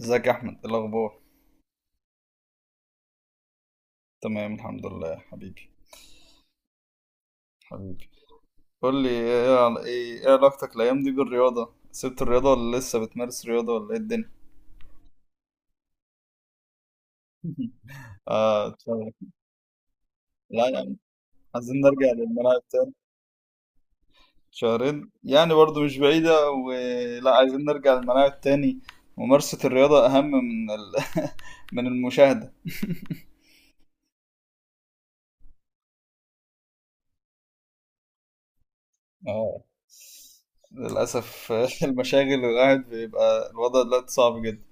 ازيك يا احمد؟ إيه الاخبار؟ تمام الحمد لله حبيبي. حبيبي، قول لي ايه عل- ايه إيه علاقتك الايام دي بالرياضه؟ سبت الرياضه ولا لسه بتمارس رياضه ولا ايه الدنيا؟ اه شهر. لا يا عم، عايزين نرجع للملاعب تاني. شهرين يعني برضو مش بعيده، ولا عايزين نرجع للملاعب تاني؟ ممارسه الرياضه اهم من من المشاهده. اه، للاسف المشاغل والقعد بيبقى الوضع دلوقتي صعب جدا.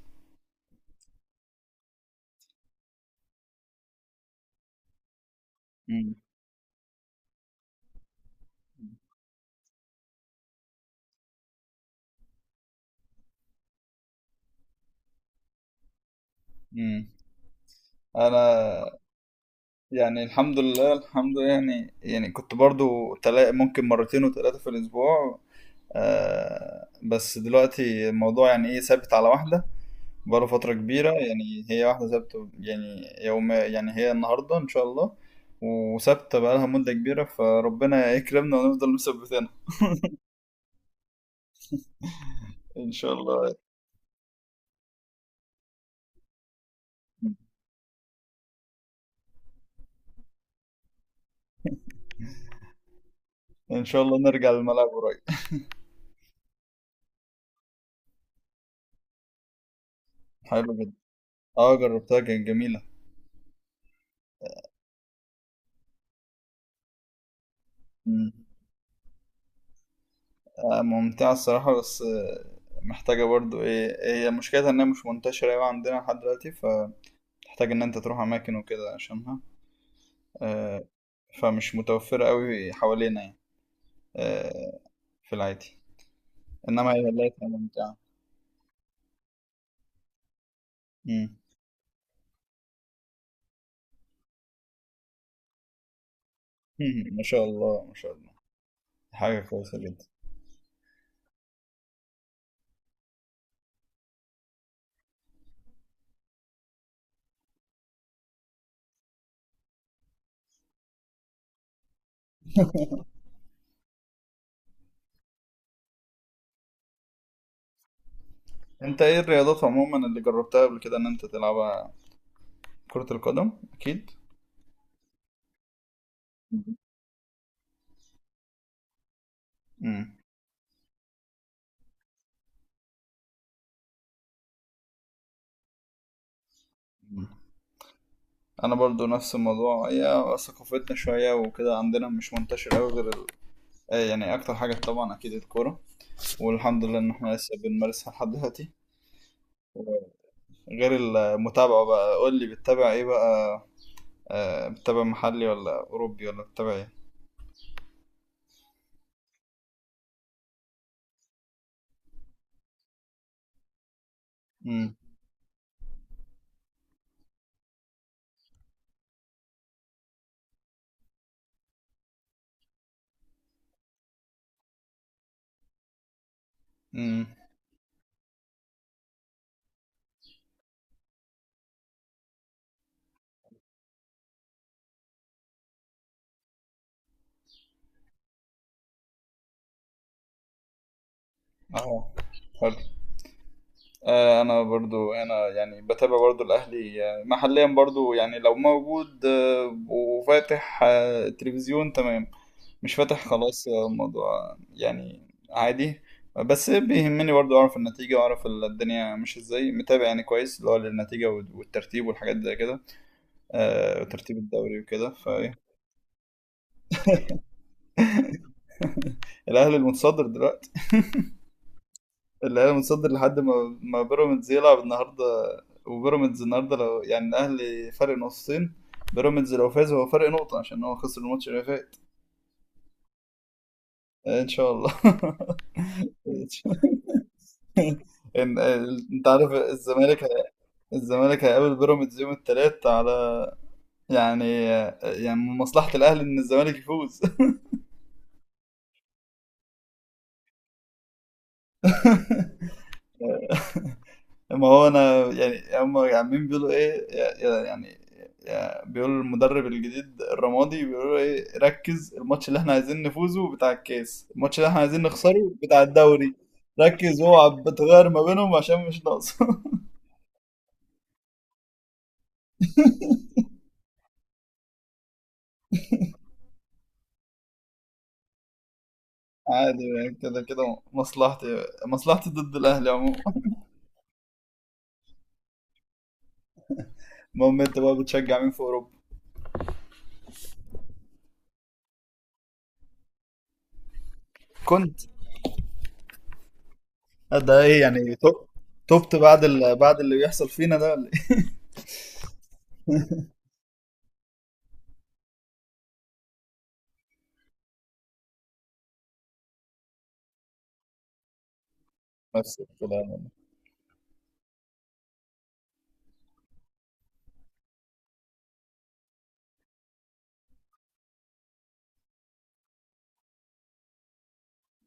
مم. مم. انا يعني الحمد لله، يعني كنت برضو ممكن مرتين وثلاثة في الأسبوع. آه بس دلوقتي الموضوع يعني إيه، ثابت على واحدة، بقاله فترة كبيرة. يعني هي واحدة ثابتة، يعني يوم، يعني هي النهاردة إن شاء الله، وثابتة بقالها مدة كبيرة، فربنا يكرمنا ونفضل مثبتينها. إن شاء الله، إن شاء الله نرجع للملعب قريب. حلو جدا. أه جربتها، كانت جميلة. ممتعة الصراحة، بس محتاجة برضو ايه، هي مشكلتها انها مش منتشرة اوي عندنا لحد دلوقتي، فتحتاج ان انت تروح اماكن وكده عشانها. آه، فمش متوفرة اوي حوالينا يعني، آه، في العادي، انما هي لقيتها ممتعة. مم. ما شاء الله، ما شاء الله، حاجة كويسة جدا. انت ايه الرياضات عموما اللي جربتها قبل كده ان انت تلعبها؟ كرة القدم اكيد. مم. مم. انا برضو نفس الموضوع، هي ثقافتنا شوية وكده، عندنا مش منتشر اوي غير يعني اكتر حاجه طبعا اكيد الكوره، والحمد لله ان احنا لسه بنمارسها لحد دلوقتي. غير المتابعه بقى، قول لي بتتابع ايه بقى؟ بتتابع محلي ولا اوروبي ولا بتتابع ايه؟ امم امم اه انا برضو، انا يعني بتابع برضو الاهلي، محليا برضو، يعني لو موجود وفاتح التلفزيون تمام، مش فاتح خلاص الموضوع يعني عادي. بس بيهمني برضو اعرف النتيجة واعرف الدنيا، مش ازاي، متابع يعني كويس اللي هو للنتيجة والترتيب والحاجات زي كده، وترتيب الدوري وكده. فالاهلي المتصدر دلوقتي. الاهلي متصدر لحد ما بيراميدز يلعب النهارده. وبيراميدز النهارده، لو يعني الاهلي فرق نقطتين، بيراميدز لو فاز هو فرق نقطة، عشان هو خسر الماتش اللي فات. ان شاء الله. إن شاء- إن- انت عارف الزمالك. الزمالك هيقابل بيراميدز يوم الثلاث، على يعني يعني من مصلحة الاهلي ان الزمالك يفوز. ما هو انا يعني، هم عمالين بيقولوا ايه، بيقولوا المدرب الجديد الرمادي بيقولوا ايه، ركز، الماتش اللي احنا عايزين نفوزه بتاع الكاس، الماتش اللي احنا عايزين نخسره بتاع الدوري، ركز، اوعى بتغير ما بينهم عشان مش ناقصه. عادي، يعني كده كده مصلحتي ضد الاهلي عموما. المهم، انت بقى بتشجع مين في اوروبا؟ كنت. ده ايه يعني توب- توبت بعد بعد اللي بيحصل فينا ده، ولا ايه؟ نفس الكلام.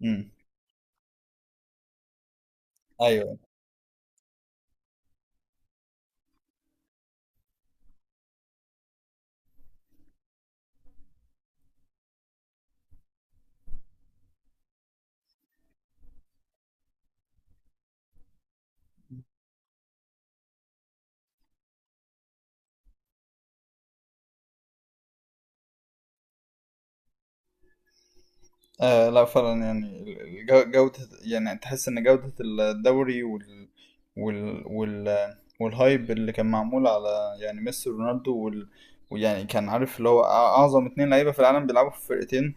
أمم. ايوه. آه لا فعلا يعني، جودة، يعني تحس إن جودة الدوري وال وال وال والهايب اللي كان معمول على يعني ميسي ورونالدو ويعني كان عارف اللي هو أعظم اتنين لعيبة في العالم بيلعبوا في فرقتين،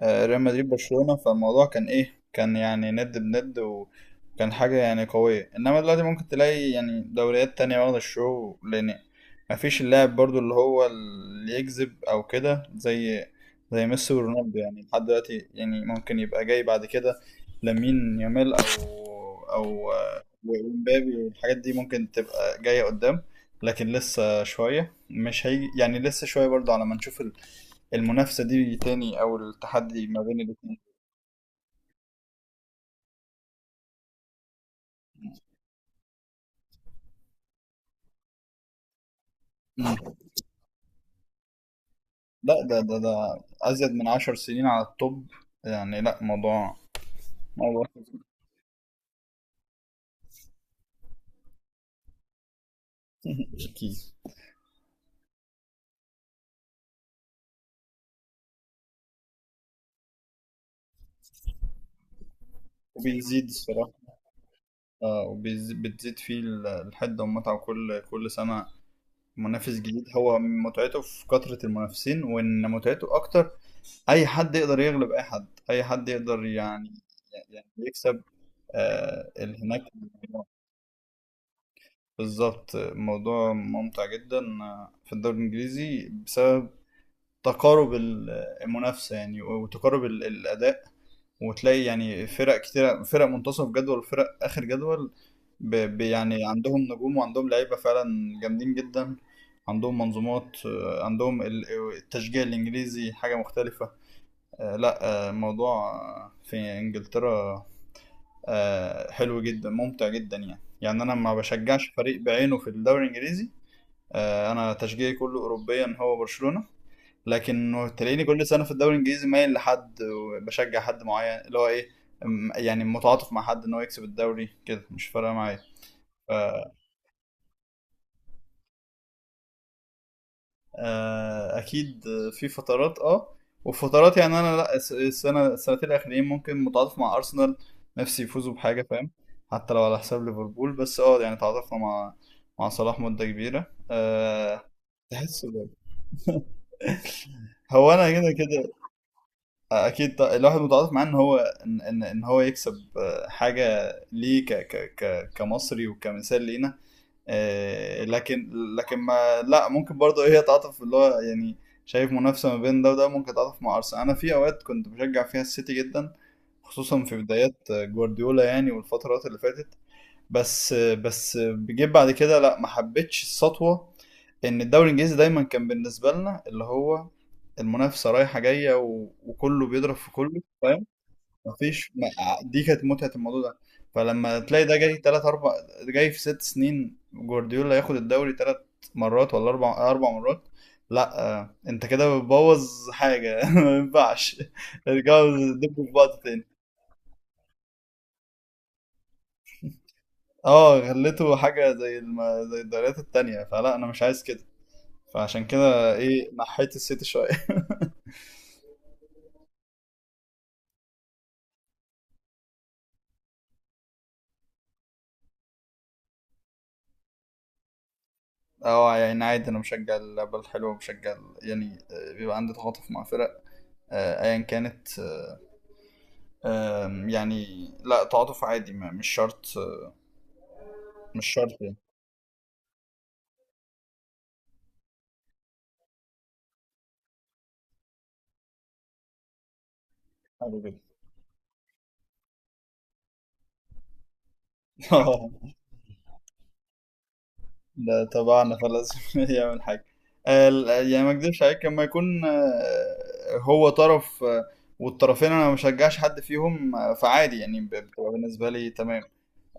ريال مدريد، برشلونة. فالموضوع كان ايه، كان يعني ند بند، وكان حاجة يعني قوية. انما دلوقتي ممكن تلاقي يعني دوريات تانية واخدة الشو، لان مفيش اللاعب برضو اللي هو اللي يجذب او كده زي زي ميسي ورونالدو. يعني لحد دلوقتي يعني، ممكن يبقى جاي بعد كده لامين يامال او او ومبابي والحاجات دي، ممكن تبقى جاية قدام. لكن لسه شوية، مش هيجي يعني، لسه شوية برضو على ما نشوف المنافسة دي تاني، أو التحدي ما بين الاتنين. مم. لا ده أزيد من 10 سنين على التوب. يعني لا، موضوع أكيد. وبيزيد الصراحة، آه، وبتزيد فيه الحدة والمتعة، وكل كل سنة منافس جديد. هو متعته في كثرة المنافسين، وإن متعته أكتر، أي حد يقدر يغلب أي حد، أي حد يقدر يعني، يعني يكسب، آه اللي هناك. بالظبط، الموضوع ممتع جدا في الدوري الانجليزي، بسبب تقارب المنافسه يعني، وتقارب الاداء. وتلاقي يعني فرق كتير، فرق منتصف جدول وفرق اخر جدول، يعني عندهم نجوم، وعندهم لعيبه فعلا جامدين جدا. عندهم منظومات، عندهم التشجيع الانجليزي حاجه مختلفه. لا الموضوع في انجلترا حلو جدا، ممتع جدا يعني. يعني انا ما بشجعش فريق بعينه في الدوري الانجليزي. انا تشجيعي كله اوروبيا هو برشلونه. لكن تلاقيني كل سنه في الدوري الانجليزي مايل لحد، وبشجع حد معين اللي هو ايه، يعني متعاطف مع حد ان هو يكسب الدوري، كده مش فارقه معايا. ف اكيد في فترات. اه وفترات يعني، انا لا السنه السنتين الاخرين ممكن متعاطف مع ارسنال، نفسي يفوزوا بحاجه فاهم. حتى لو على حساب ليفربول، بس اه يعني تعاطفنا مع مع صلاح مده كبيره أه. تحس ب- هو انا كده كده اكيد، الواحد متعاطف معاه ان هو، ان ان إن هو يكسب حاجه ليه ك ك ك كمصري، وكمثال لينا، لكن، لكن ما لا، ممكن برضه هي تعاطف اللي هو يعني، شايف منافسه ما بين ده وده، ممكن تعاطف مع ارسنال. انا في اوقات كنت بشجع فيها السيتي جدا، خصوصا في بدايات جوارديولا يعني، والفترات اللي فاتت. بس جيت بعد كده لا، ما حبيتش السطوه. ان الدوري الانجليزي دايما كان بالنسبه لنا اللي هو المنافسه رايحه جايه وكله بيضرب في كله فاهم. مفيش ما... دي كانت متعه الموضوع ده. فلما تلاقي ده جاي تلات اربع، جاي في 6 سنين جوارديولا ياخد الدوري تلات مرات ولا اربع، اربع مرات، لا انت كده بتبوظ حاجه ما ينفعش، ارجعوا دبوا في بعض تاني. اه غليته حاجة زي زي الدوريات التانية، فلا أنا مش عايز كده، فعشان كده إيه نحيت السيتي شوية. اه يعني عادي، أنا مشجع اللعبة الحلوة، مشجع يعني بيبقى عندي تعاطف مع فرق، أيا كانت، آه، آم، يعني لا تعاطف عادي، مش شرط، مش شرط يعني. حلو جدا. لا طبعا خلاص، يعمل حاجة. يعني ما اكذبش عليك، لما يكون هو طرف والطرفين انا ما بشجعش حد فيهم، فعادي يعني، بتبقى بالنسبة لي تمام.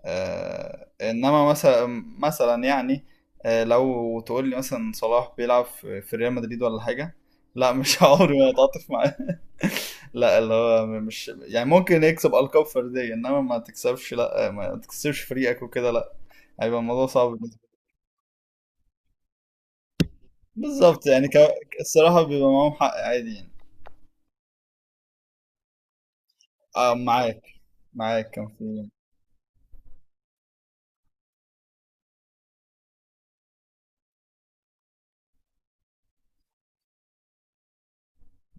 انما مثلا، مثلا يعني لو تقول لي مثلا صلاح بيلعب في ريال مدريد ولا حاجة، لا مش عمري ما اتعاطف معاه. لا اللي هو مش يعني، ممكن يكسب ألقاب فردية، انما ما تكسبش، لا ما تكسبش فريقك وكده، لا، هيبقى الموضوع صعب. بالظبط يعني، الصراحة بيبقى معاهم حق عادي يعني. آه معاك، معاك كان في.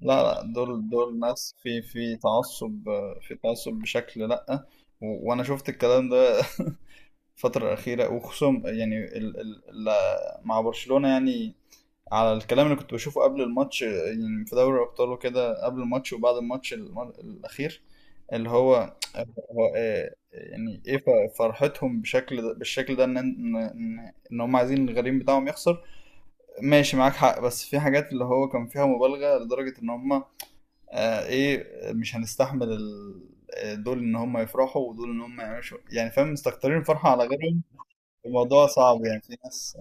لا لا، دول ناس في تعصب، في تعصب بشكل لأ، وأنا شفت الكلام ده. الفترة الأخيرة، وخصوصا يعني مع برشلونة يعني، على الكلام اللي كنت بشوفه قبل الماتش يعني، في دوري الأبطال وكده، قبل الماتش وبعد الماتش الأخير اللي هو هو، يعني ايه، فرحتهم بشكل ده، بالشكل ده ان إن هم عايزين الغريم بتاعهم يخسر، ماشي معاك حق. بس في حاجات اللي هو كان فيها مبالغة لدرجة ان هم آه، ايه مش هنستحمل دول ان هم يفرحوا، ودول ان هم يعملوا يعني فاهم مستكترين فرحة على غيرهم. الموضوع صعب يعني، في ناس،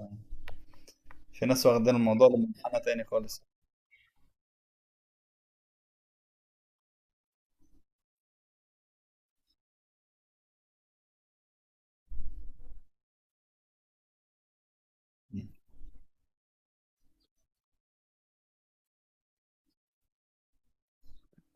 في ناس واخدين الموضوع لمنحنى تاني خالص.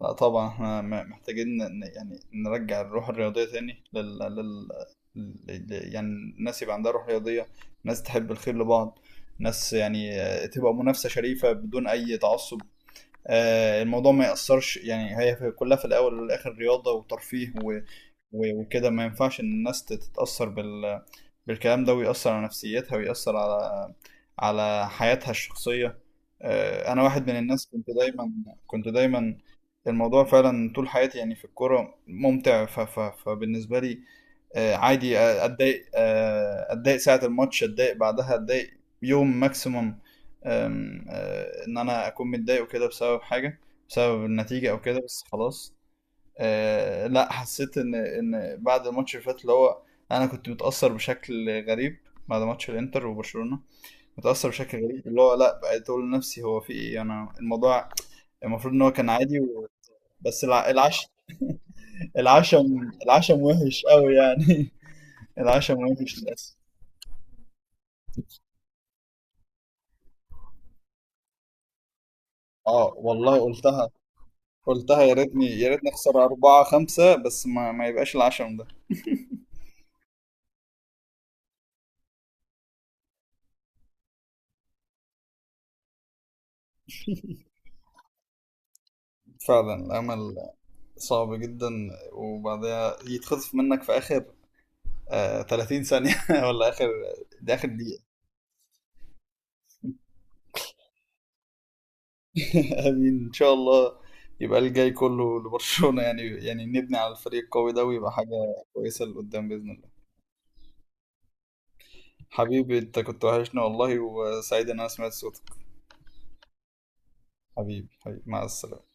لا طبعا احنا محتاجين يعني نرجع الروح الرياضية تاني يعني الناس يبقى عندها روح رياضية، ناس تحب الخير لبعض، ناس يعني تبقى منافسة شريفة بدون أي تعصب. الموضوع ما يأثرش يعني، هي كلها في الأول والآخر رياضة وترفيه وكده ما ينفعش إن الناس تتأثر بالكلام ده، ويأثر على نفسيتها، ويأثر على على حياتها الشخصية. أنا واحد من الناس، كنت دايما، كنت دايما الموضوع فعلا طول حياتي يعني في الكورة ممتع فبالنسبة لي عادي أتضايق أتضايق ساعة الماتش، أتضايق بعدها، أتضايق يوم ماكسيموم. آم، آه، إن أنا أكون متضايق وكده بسبب حاجة، بسبب النتيجة أو كده بس خلاص. آه لا، حسيت ان بعد الماتش اللي فات، اللي هو انا كنت متاثر بشكل غريب بعد ماتش الانتر وبرشلونه. متاثر بشكل غريب اللي هو لا، بقيت اقول لنفسي هو في ايه، انا الموضوع المفروض ان هو كان عادي و... بس الع... العش العشم، العشم وحش قوي يعني. العشم وحش للاسف. اه والله قلتها، قلتها يا ريتني، يا ريتني اخسر أربعة خمسة، بس ما يبقاش العشم ده. فعلا الأمل صعب جدا، وبعدها يتخطف منك في آخر آه 30 ثانية، ولا آخر، دي آخر دقيقة. آمين إن شاء الله. يبقى الجاي كله لبرشلونة يعني، يعني نبني على الفريق القوي ده، ويبقى حاجة كويسة لقدام بإذن الله. حبيبي، أنت كنت وحشنا والله، وسعيد إن أنا سمعت صوتك. حبيبي، حبيبي، مع السلامة.